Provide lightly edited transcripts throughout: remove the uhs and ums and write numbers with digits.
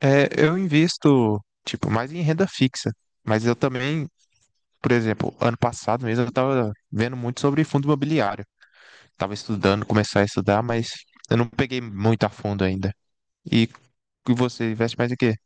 É, eu invisto, tipo, mais em renda fixa. Mas eu também, por exemplo, ano passado mesmo eu tava vendo muito sobre fundo imobiliário. Tava estudando, começar a estudar, mas eu não peguei muito a fundo ainda. E e você investe mais em quê?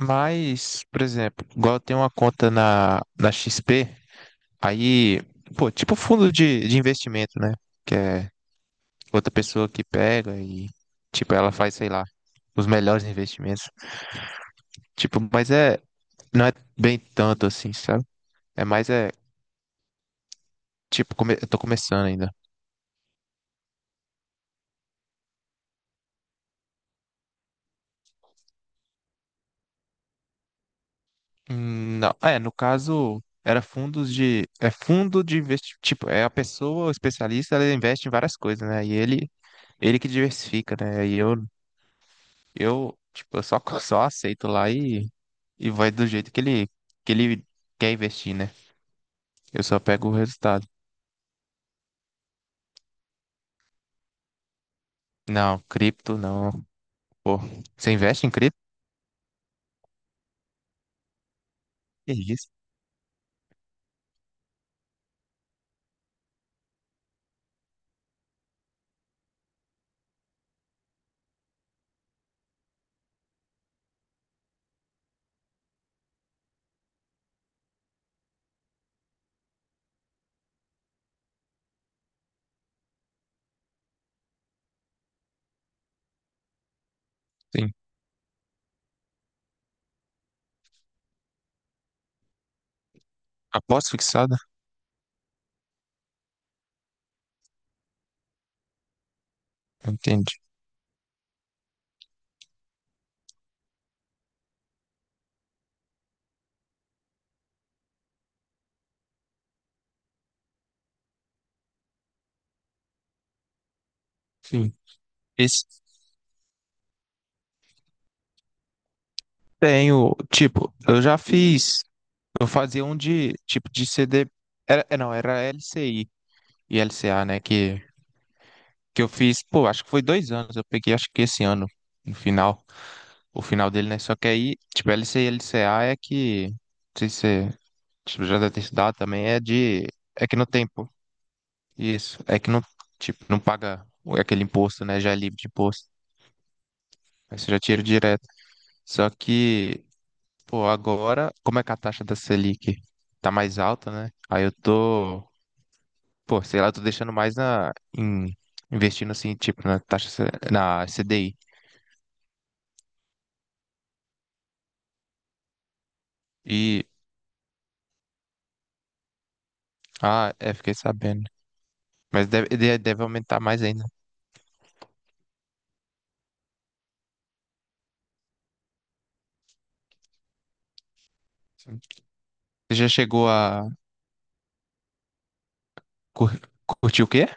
Mas, por exemplo, igual eu tenho uma conta na XP, aí, pô, tipo fundo de investimento, né? Que é outra pessoa que pega e, tipo, ela faz, sei lá, os melhores investimentos. Tipo, mas é. Não é bem tanto assim, sabe? É mais é. Tipo, eu tô começando ainda. Não, é, no caso, era fundos de. É fundo de investimento. Tipo, é a pessoa, o especialista, ela investe em várias coisas, né? E ele que diversifica, né? E eu, tipo, eu só, só aceito lá e vai do jeito que ele quer investir, né? Eu só pego o resultado. Não, cripto não. Pô, você investe em cripto? Que isso? Sim. Aposta fixada? Entendi. Sim. Esse tenho, tipo, eu já fiz, eu fazia um de, tipo, de CD, era, é, não, era LCI e LCA, né, que eu fiz, pô, acho que foi 2 anos, eu peguei, acho que esse ano, no final, o final dele, né, só que aí, tipo, LCI e LCA é que, não sei se você, tipo, já deve ter estudado também, é de, é que não tem, pô, isso, é que não, tipo, não paga aquele imposto, né, já é livre de imposto, aí você já tira direto, só que. Pô, agora, como é que a taxa da Selic tá mais alta, né? Aí eu tô, pô, sei lá, eu tô deixando mais na, em- investindo assim, tipo, na taxa, na CDI. E, ah, é, fiquei sabendo. Mas deve, deve aumentar mais ainda. Sim. Você já chegou a cur- curtir o quê?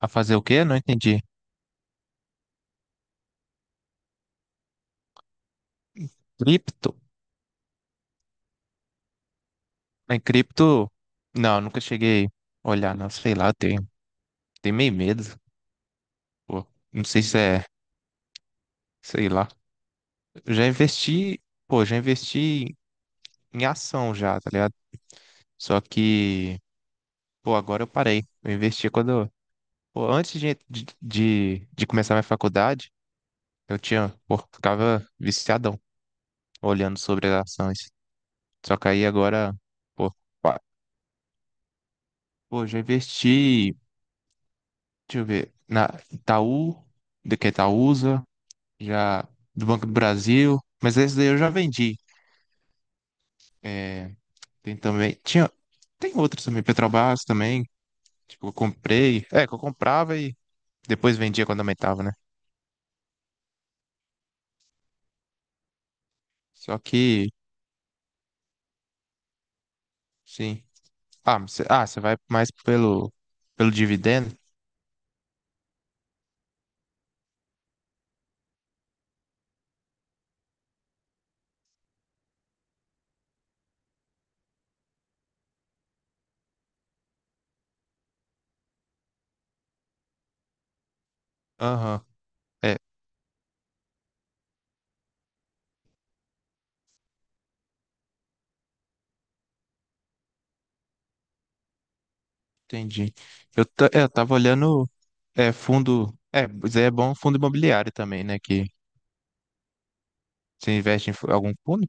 A fazer o quê? Não entendi. Cripto? Em cripto, não, nunca cheguei a olhar, não, sei lá, eu tenho, meio medo, pô, não sei se é, sei lá. Eu já investi, pô, já investi em ação já, tá ligado? Só que, pô, agora eu parei. Eu investi quando. Pô, antes de começar minha faculdade, eu tinha, pô, ficava viciadão olhando sobre as ações. Só que aí agora, pô, pa- pô, já investi, deixa eu ver, na Itaú, de que é Itaúsa, já do Banco do Brasil, mas esse daí eu já vendi. É, tem também, tinha, tem outros também, Petrobras também, tipo, eu comprei, é, que eu comprava. Depois vendia quando aumentava, né? Só que, sim. Ah, você você vai mais pelo dividendo? Aham, é, entendi. Eu tava olhando é, fundo. É, mas aí é bom fundo imobiliário também, né? Que você investe em algum fundo?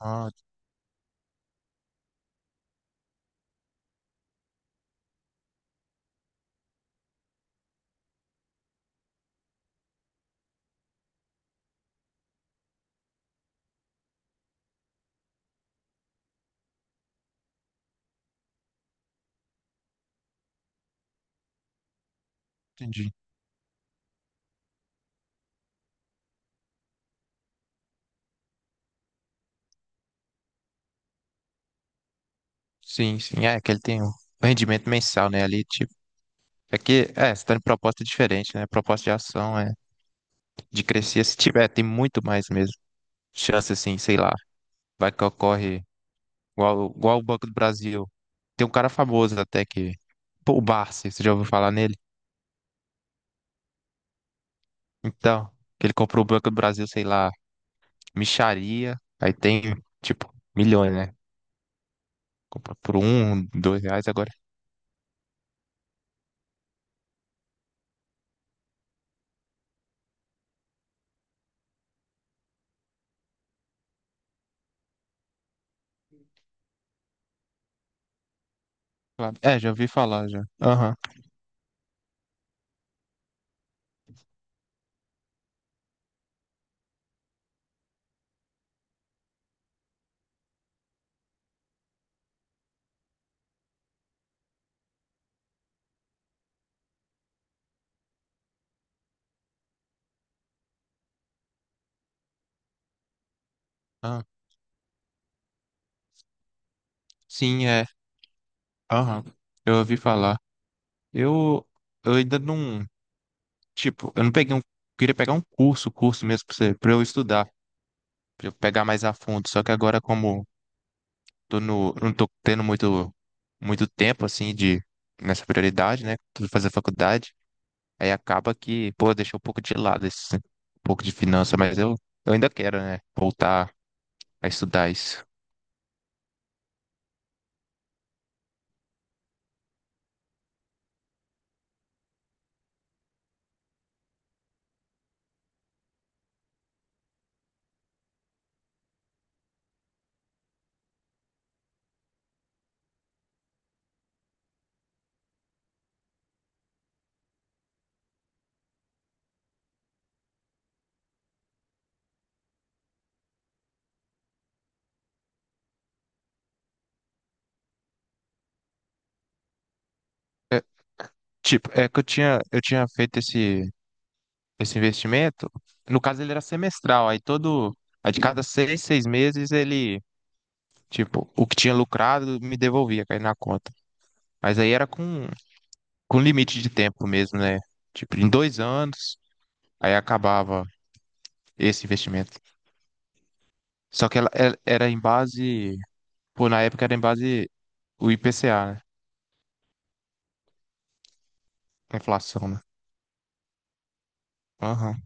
Ah, entendi. Sim, sim. É, que ele tem um rendimento mensal, né? Ali, tipo. É que, é, você tá em proposta diferente, né? Proposta de ação é de crescer. Se tiver, tem muito mais mesmo. Chance, assim, sei lá. Vai que ocorre. Igual o Banco do Brasil. Tem um cara famoso até que. Pô, o Barsi, você já ouviu falar nele? Então, que ele comprou o Banco do Brasil, sei lá, mixaria. Aí tem, tipo, milhões, né? Comprou por um, dois reais agora. É, já ouvi falar já. Aham. Ah, sim, é. Aham. Eu ouvi falar. Eu, eu ainda não. Tipo, eu não peguei um. Queria pegar um curso, curso mesmo pra você, pra eu estudar, pra eu pegar mais a fundo. Só que agora, como tô não tô tendo muito, muito tempo, assim, de, nessa prioridade, né? Tudo fazer faculdade. Aí acaba que, pô, deixou um pouco de lado esse, um pouco de finança, mas eu ainda quero, né? Voltar a estudar isso. Tipo, é que eu tinha feito esse investimento. No caso, ele era semestral. Aí todo, aí de cada seis meses, ele, tipo, o que tinha lucrado me devolvia, caía na conta. Mas aí era com limite de tempo mesmo, né? Tipo, em 2 anos, aí acabava esse investimento. Só que era em base, pô, na época era em base o IPCA, né? A inflação, né? Aham.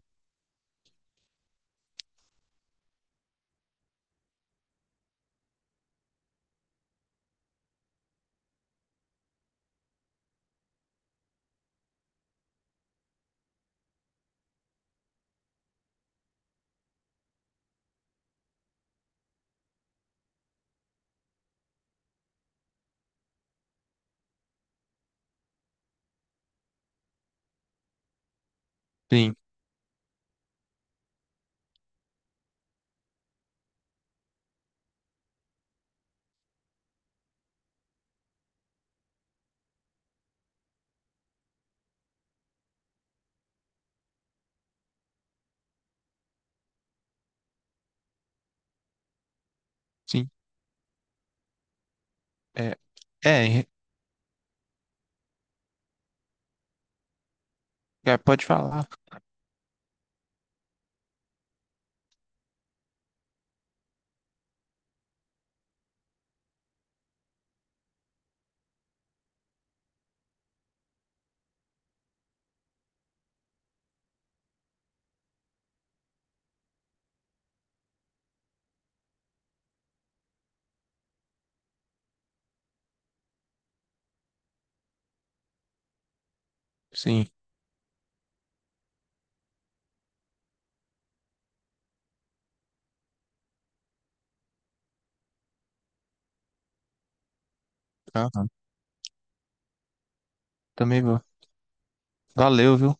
Sim, sim. É, é, é, pode falar. Sim. Aham. Também vou. Valeu, viu?